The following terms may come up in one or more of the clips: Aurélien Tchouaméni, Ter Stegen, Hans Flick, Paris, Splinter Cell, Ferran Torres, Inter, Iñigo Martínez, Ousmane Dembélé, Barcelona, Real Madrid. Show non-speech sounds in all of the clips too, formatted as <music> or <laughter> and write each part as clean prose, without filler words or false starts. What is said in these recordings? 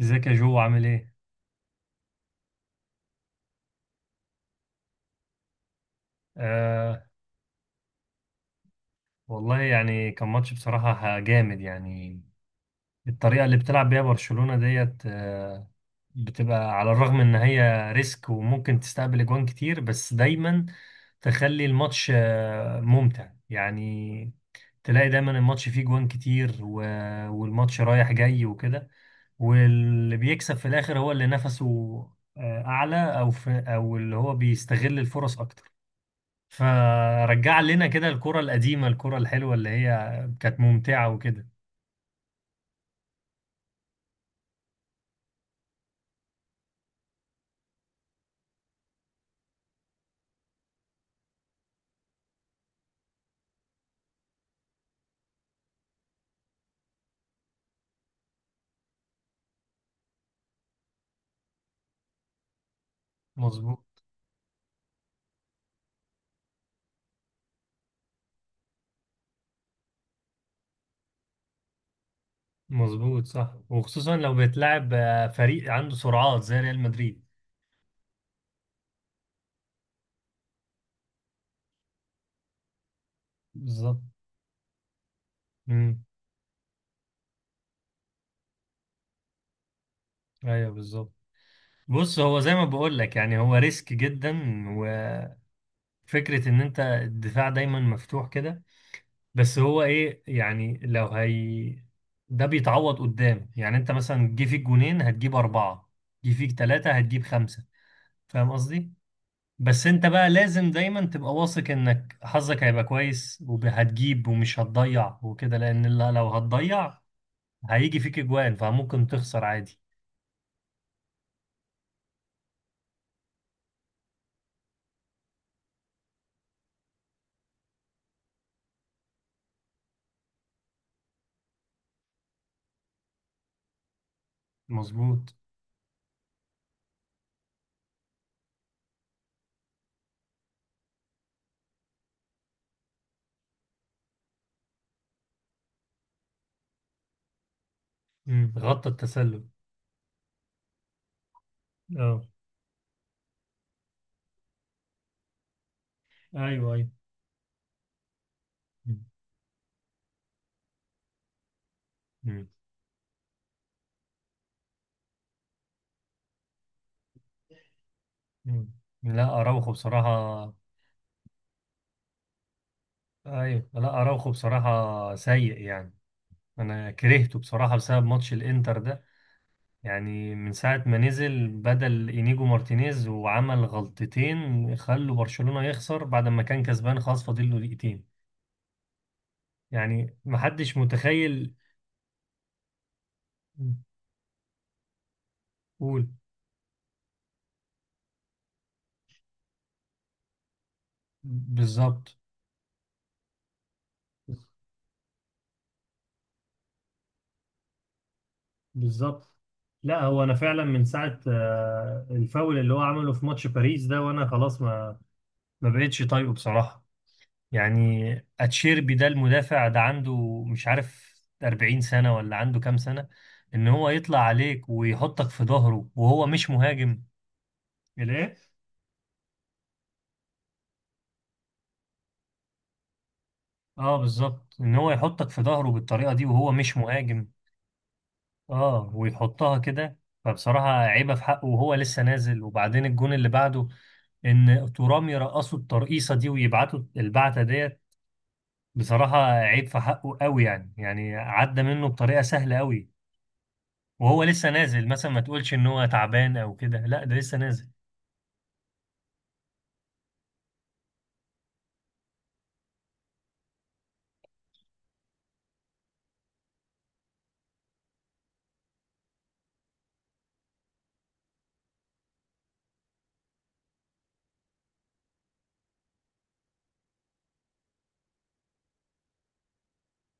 ازيك يا جو عامل ايه؟ آه، والله يعني كان ماتش بصراحة جامد يعني. الطريقة اللي بتلعب بيها برشلونة ديت بتبقى، على الرغم ان هي ريسك وممكن تستقبل اجوان كتير، بس دايما تخلي الماتش ممتع يعني. تلاقي دايما الماتش فيه جوان كتير والماتش رايح جاي وكده، واللي بيكسب في الاخر هو اللي نفسه اعلى، او في، او اللي هو بيستغل الفرص اكتر. فرجع لنا كده الكرة القديمة، الكرة الحلوة اللي هي كانت ممتعة وكده. مظبوط. مظبوط صح، وخصوصا لو بيتلعب فريق عنده سرعات زي ريال مدريد. بالظبط. امم. ايوه بالظبط. بص، هو زي ما بقول لك يعني هو ريسك جدا، وفكرة ان انت الدفاع دايما مفتوح كده، بس هو ايه يعني؟ لو هي ده بيتعوض قدام، يعني انت مثلا جه فيك جونين هتجيب أربعة، جه فيك ثلاثة هتجيب خمسة. فاهم قصدي؟ بس انت بقى لازم دايما تبقى واثق انك حظك هيبقى كويس وهتجيب ومش هتضيع وكده، لان لو هتضيع هيجي فيك اجوان فممكن تخسر عادي. مظبوت. مم، غطى التسلل. اه. ايوه ايوه. مم. مم. مم. لا اراوخو بصراحة. ايوه، لا اراوخو بصراحة سيء يعني. انا كرهته بصراحة بسبب ماتش الانتر ده، يعني من ساعة ما نزل بدل إنيجو مارتينيز وعمل غلطتين خلوا برشلونة يخسر بعد ما كان كسبان خلاص فاضل له دقيقتين. يعني محدش متخيل. قول. بالظبط. بالظبط. لا هو انا فعلا من ساعه الفاول اللي هو عمله في ماتش باريس ده، وانا خلاص ما بقتش طايقه بصراحه يعني. اتشيربي ده المدافع ده عنده مش عارف 40 سنة ولا عنده كام سنة، ان هو يطلع عليك ويحطك في ظهره وهو مش مهاجم. الايه؟ اه بالظبط، ان هو يحطك في ظهره بالطريقة دي وهو مش مهاجم. اه ويحطها كده. فبصراحة عيبة في حقه وهو لسه نازل، وبعدين الجون اللي بعده ان ترام يرقصوا الترقيصة دي ويبعتوا البعتة ديت، بصراحة عيب في حقه قوي يعني، يعني عدى منه بطريقة سهلة قوي وهو لسه نازل. مثلا ما تقولش ان هو تعبان او كده، لا ده لسه نازل.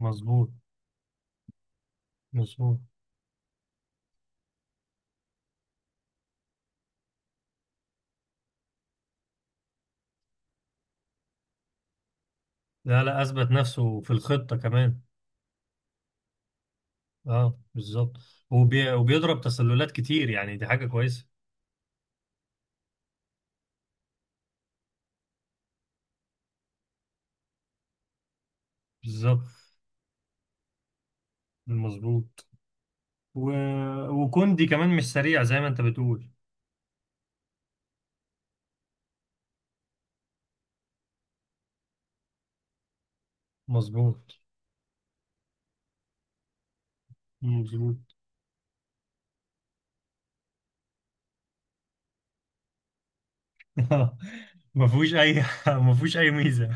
مظبوط. مظبوط. لا لا، اثبت نفسه في الخطة كمان. اه بالظبط. وبيضرب تسللات كتير، يعني دي حاجة كويسة. بالظبط. مظبوط. و... وكوندي كمان مش سريع زي ما انت بتقول. مظبوط. مظبوط. <laughs> ما فيهوش اي <laughs> ما فيهوش اي ميزة.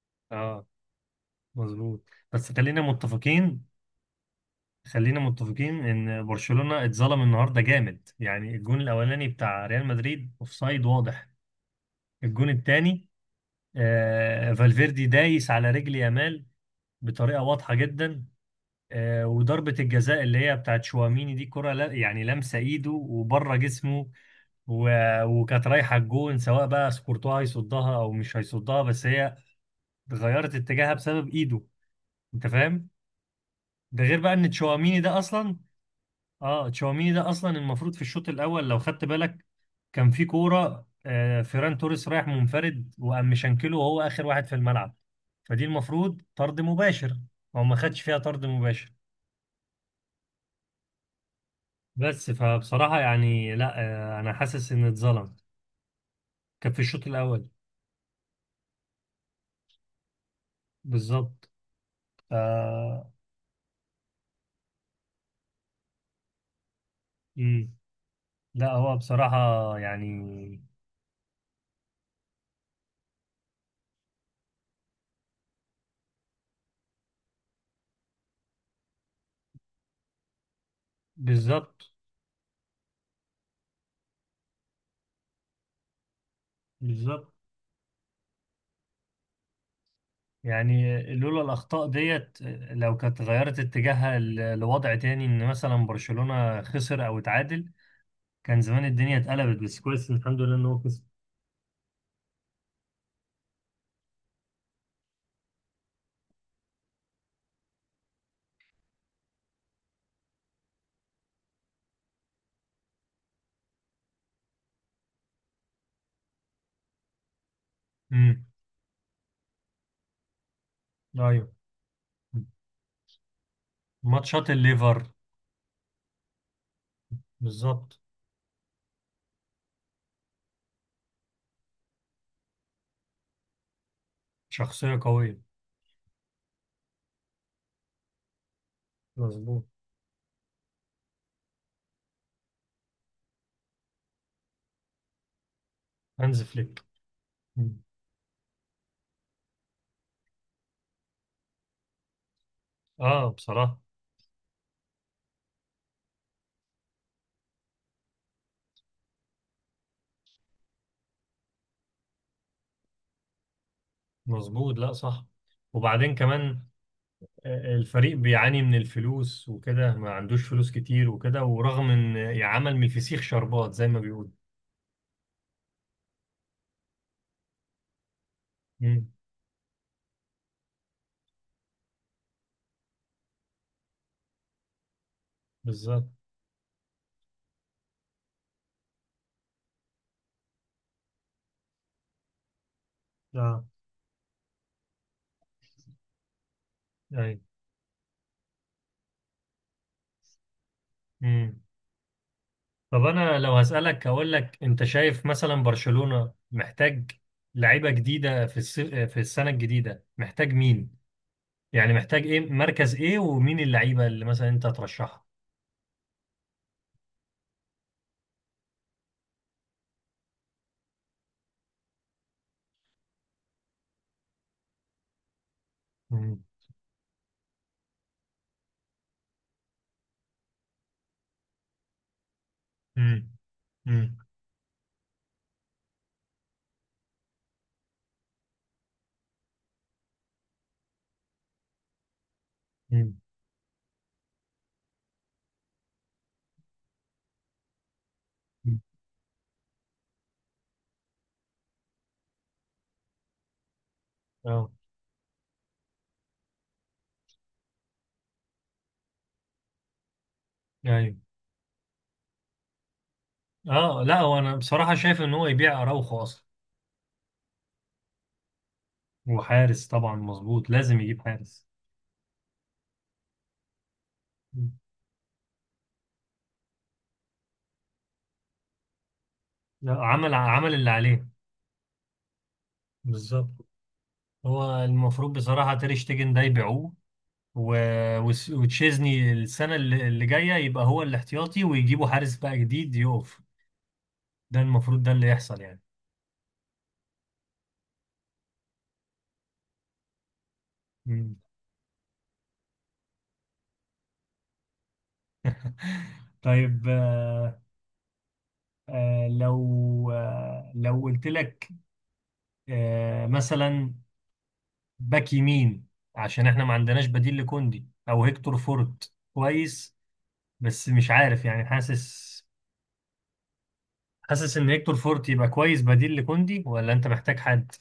<laughs> اه. مظبوط. بس خلينا متفقين، خلينا متفقين ان برشلونة اتظلم النهارده جامد، يعني الجون الاولاني بتاع ريال مدريد اوفسايد واضح. الجون الثاني، آه، فالفيردي دايس على رجل يامال بطريقة واضحة جدا. آه، وضربة الجزاء اللي هي بتاعت شواميني دي كرة، لا يعني لمسة ايده وبره جسمه، وكانت رايحة الجون، سواء بقى سكورتوها هيصدها او مش هيصدها، بس هي غيرت اتجاهها بسبب ايده. انت فاهم؟ ده غير بقى ان تشواميني ده اصلا. اه، تشاوميني ده اصلا المفروض في الشوط الاول لو خدت بالك، كان في كوره فيران توريس رايح منفرد وقام مشنكله وهو اخر واحد في الملعب، فدي المفروض طرد مباشر. هو ما خدش فيها طرد مباشر. بس فبصراحه يعني لا، انا حاسس ان اتظلم. كان في الشوط الاول. بالظبط. ف... مم. لا هو بصراحه يعني. بالظبط. بالظبط. يعني لولا الأخطاء ديت، لو كانت غيرت اتجاهها لوضع تاني إن مثلا برشلونة خسر أو اتعادل، كان زمان الدنيا اتقلبت، بس كويس إن الحمد لله إن هو كسب. امم. أيوه. ماتشات الليفر. بالظبط. شخصية قوية. مظبوط. هانز فليك. مم. آه بصراحة. مظبوط، لا صح. وبعدين كمان الفريق بيعاني من الفلوس وكده، ما عندوش فلوس كتير وكده، ورغم إن يعمل من الفسيخ شربات زي ما بيقولوا. امم. بالظبط. آه. ايوه. امم. طب انا لو هسألك هقول لك، انت شايف مثلا برشلونة محتاج لعيبة جديدة في في السنة الجديدة، محتاج مين؟ يعني محتاج ايه؟ مركز ايه؟ ومين اللعيبة اللي مثلا انت هترشحها؟ امم. امم. امم. امم. اه. ايوه. اه لا، هو انا بصراحة شايف ان هو يبيع اراوخو اصلا. وحارس طبعا مظبوط، لازم يجيب حارس. مم. لا، عمل عمل اللي عليه. بالظبط. هو المفروض بصراحة تير شتيجن ده يبيعوه، وتشيزني السنة اللي جاية يبقى هو الاحتياطي، ويجيبوا حارس بقى جديد يقف. ده المفروض ده اللي يحصل يعني. مم. <laughs> طيب. لو قلت لك مثلا باك يمين، عشان احنا ما عندناش بديل لكوندي، او هيكتور فورت كويس بس مش عارف يعني. حاسس ان هيكتور فورت يبقى كويس بديل لكوندي، ولا انت محتاج حد؟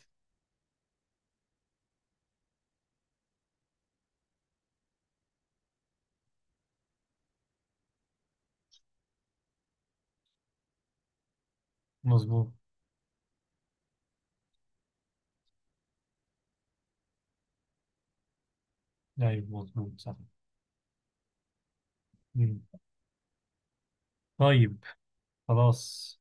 مظبوط. ايوه مظبوط صح. مم. طيب، خلاص.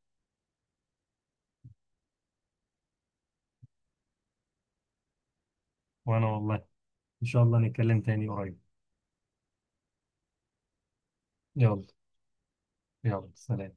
وأنا والله، إن شاء الله نتكلم تاني قريب. يلا. يلا سلام.